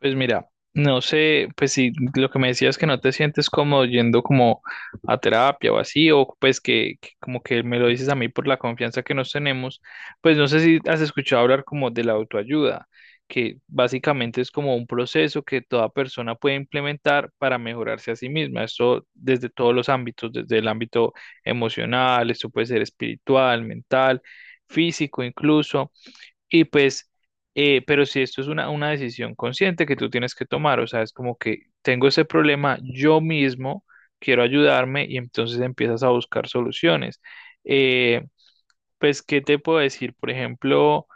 Pues mira, no sé, pues si lo que me decías que no te sientes cómodo yendo como a terapia o así, o pues que como que me lo dices a mí por la confianza que nos tenemos, pues no sé si has escuchado hablar como de la autoayuda, que básicamente es como un proceso que toda persona puede implementar para mejorarse a sí misma, esto desde todos los ámbitos, desde el ámbito emocional, esto puede ser espiritual, mental, físico incluso. Y pues, pero si esto es una decisión consciente que tú tienes que tomar, o sea, es como que tengo ese problema yo mismo, quiero ayudarme y entonces empiezas a buscar soluciones. Eh, pues, ¿qué te puedo decir? Por ejemplo,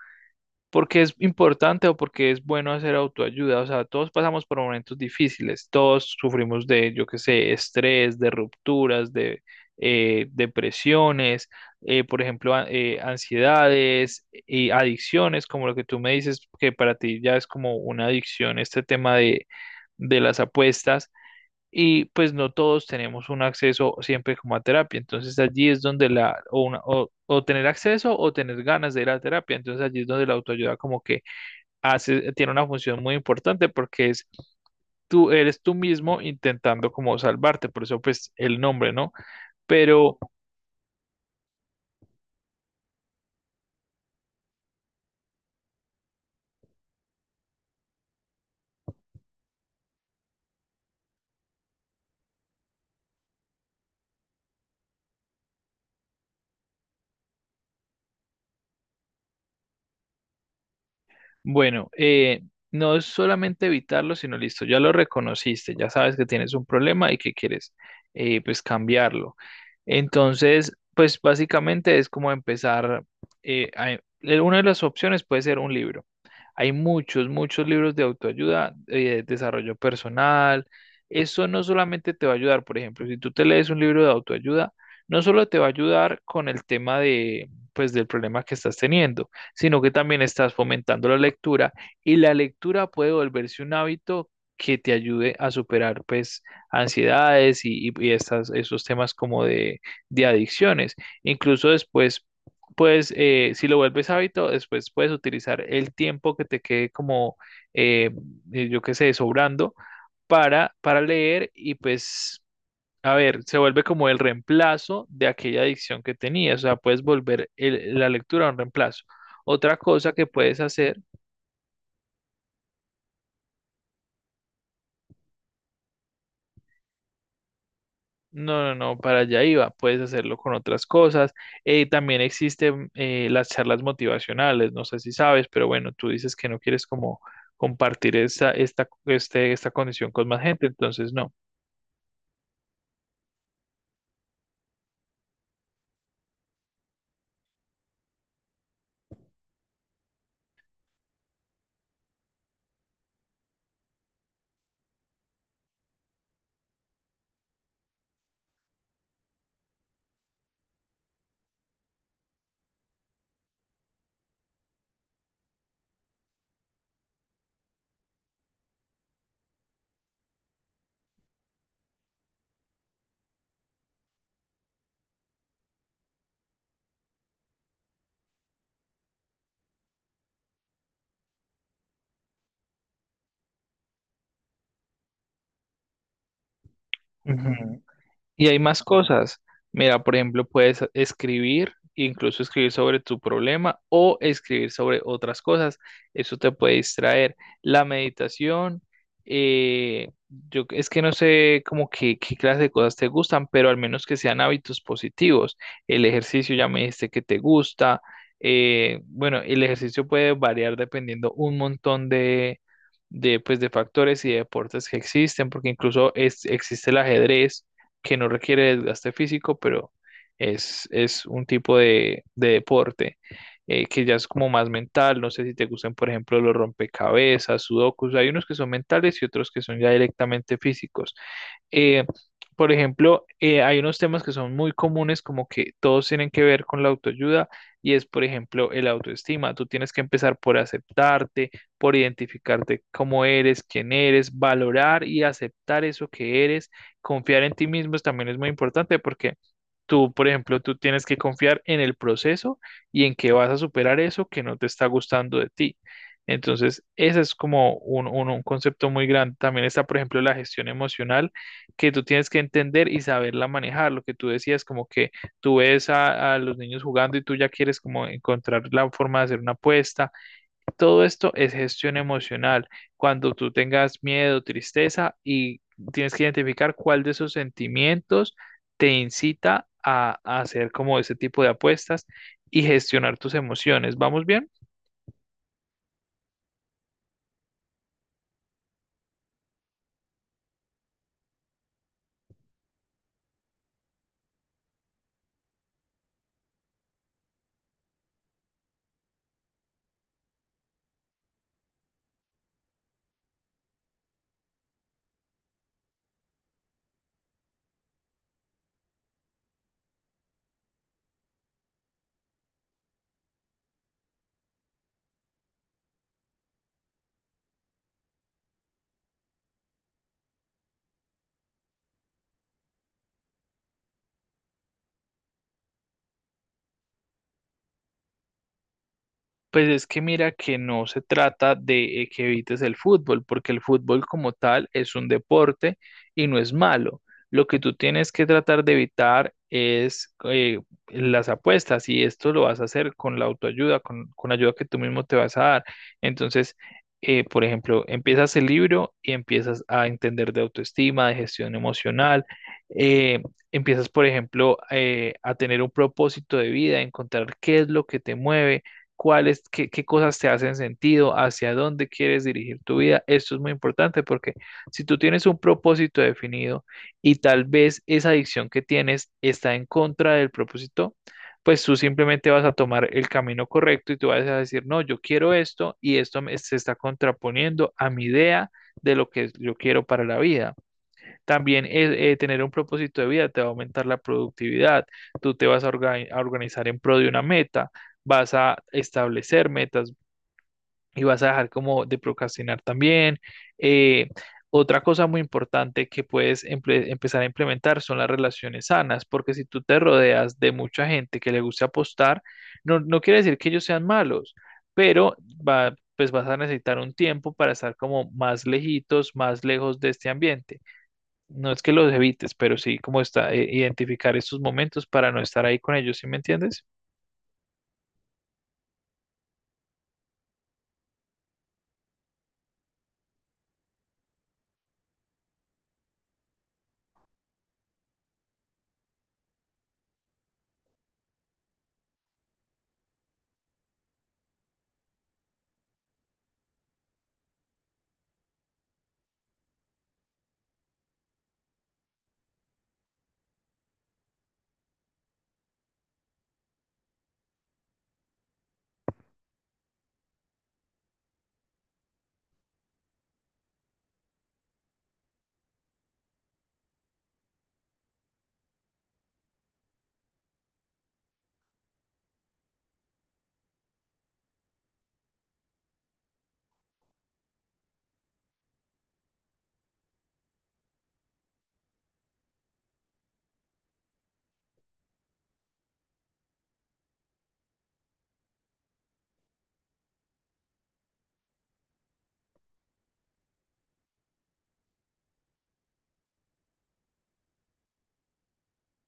porque es importante o porque es bueno hacer autoayuda. O sea, todos pasamos por momentos difíciles, todos sufrimos de, yo qué sé, estrés, de rupturas, de depresiones, por ejemplo, ansiedades y adicciones, como lo que tú me dices, que para ti ya es como una adicción este tema de las apuestas y pues no todos tenemos un acceso siempre como a terapia. Entonces allí es donde la, o, una- o tener acceso o tener ganas de ir a terapia. Entonces allí es donde la autoayuda como que hace, tiene una función muy importante porque es tú, eres tú mismo intentando como salvarte, por eso pues el nombre, ¿no? Pero bueno, no es solamente evitarlo, sino listo, ya lo reconociste, ya sabes que tienes un problema y que quieres pues cambiarlo. Entonces, pues básicamente es como empezar, eh, a- una de las opciones puede ser un libro. Hay muchos, muchos libros de autoayuda, desarrollo personal. Eso no solamente te va a ayudar, por ejemplo, si tú te lees un libro de autoayuda, no solo te va a ayudar con el tema de, pues, del problema que estás teniendo sino que también estás fomentando la lectura y la lectura puede volverse un hábito que te ayude a superar pues ansiedades y estas, esos temas como de adicciones. Incluso después, pues si lo vuelves hábito, después puedes utilizar el tiempo que te quede como, eh, yo qué sé, sobrando para leer y pues... A ver, se vuelve como el reemplazo de aquella adicción que tenías, o sea, puedes volver la lectura a un reemplazo. Otra cosa que puedes hacer, no, no, no, para allá iba, puedes hacerlo con otras cosas. También existen las charlas motivacionales, no sé si sabes, pero bueno, tú dices que no quieres como compartir esta condición con más gente, entonces no. Ujú. Y hay más cosas. Mira, por ejemplo, puedes escribir, incluso escribir sobre tu problema o escribir sobre otras cosas. Eso te puede distraer. La meditación, yo es que no sé como que, qué clase de cosas te gustan, pero al menos que sean hábitos positivos. El ejercicio ya me dijiste que te gusta. Bueno, el ejercicio puede variar dependiendo un montón de, pues, de factores y de deportes que existen, porque incluso es, existe el ajedrez que no requiere desgaste físico, pero es un tipo de deporte que ya es como más mental. No sé si te gustan, por ejemplo, los rompecabezas, sudokus. Hay unos que son mentales y otros que son ya directamente físicos. Eh, por ejemplo, hay unos temas que son muy comunes, como que todos tienen que ver con la autoayuda, y es, por ejemplo, el autoestima. Tú tienes que empezar por aceptarte, por identificarte cómo eres, quién eres, valorar y aceptar eso que eres. Confiar en ti mismo también es muy importante porque tú, por ejemplo, tú tienes que confiar en el proceso y en que vas a superar eso que no te está gustando de ti. Entonces, ese es como un concepto muy grande. También está, por ejemplo, la gestión emocional que tú tienes que entender y saberla manejar. Lo que tú decías, como que tú ves a los niños jugando y tú ya quieres como encontrar la forma de hacer una apuesta. Todo esto es gestión emocional. Cuando tú tengas miedo, tristeza y tienes que identificar cuál de esos sentimientos te incita a hacer como ese tipo de apuestas y gestionar tus emociones. ¿Vamos bien? Pues es que mira que no se trata de que evites el fútbol, porque el fútbol como tal es un deporte y no es malo. Lo que tú tienes que tratar de evitar es las apuestas y esto lo vas a hacer con la autoayuda, con la ayuda que tú mismo te vas a dar. Entonces, por ejemplo, empiezas el libro y empiezas a entender de autoestima, de gestión emocional. eh, Empiezas, por ejemplo, a tener un propósito de vida, a encontrar qué es lo que te mueve cuáles, qué, qué cosas te hacen sentido, hacia dónde quieres dirigir tu vida. Esto es muy importante porque si tú tienes un propósito definido y tal vez esa adicción que tienes está en contra del propósito, pues tú simplemente vas a tomar el camino correcto y tú vas a decir, no, yo quiero esto y se está contraponiendo a mi idea de lo que yo quiero para la vida. También tener un propósito de vida te va a aumentar la productividad. Tú te vas a, a organizar en pro de una meta, vas a establecer metas y vas a dejar como de procrastinar también. Eh, otra cosa muy importante que puedes empezar a implementar son las relaciones sanas, porque si tú te rodeas de mucha gente que le gusta apostar, no, no quiere decir que ellos sean malos, pero va, pues vas a necesitar un tiempo para estar como más lejitos, más lejos de este ambiente. No es que los evites, pero sí como está, identificar estos momentos para no estar ahí con ellos, ¿sí me entiendes?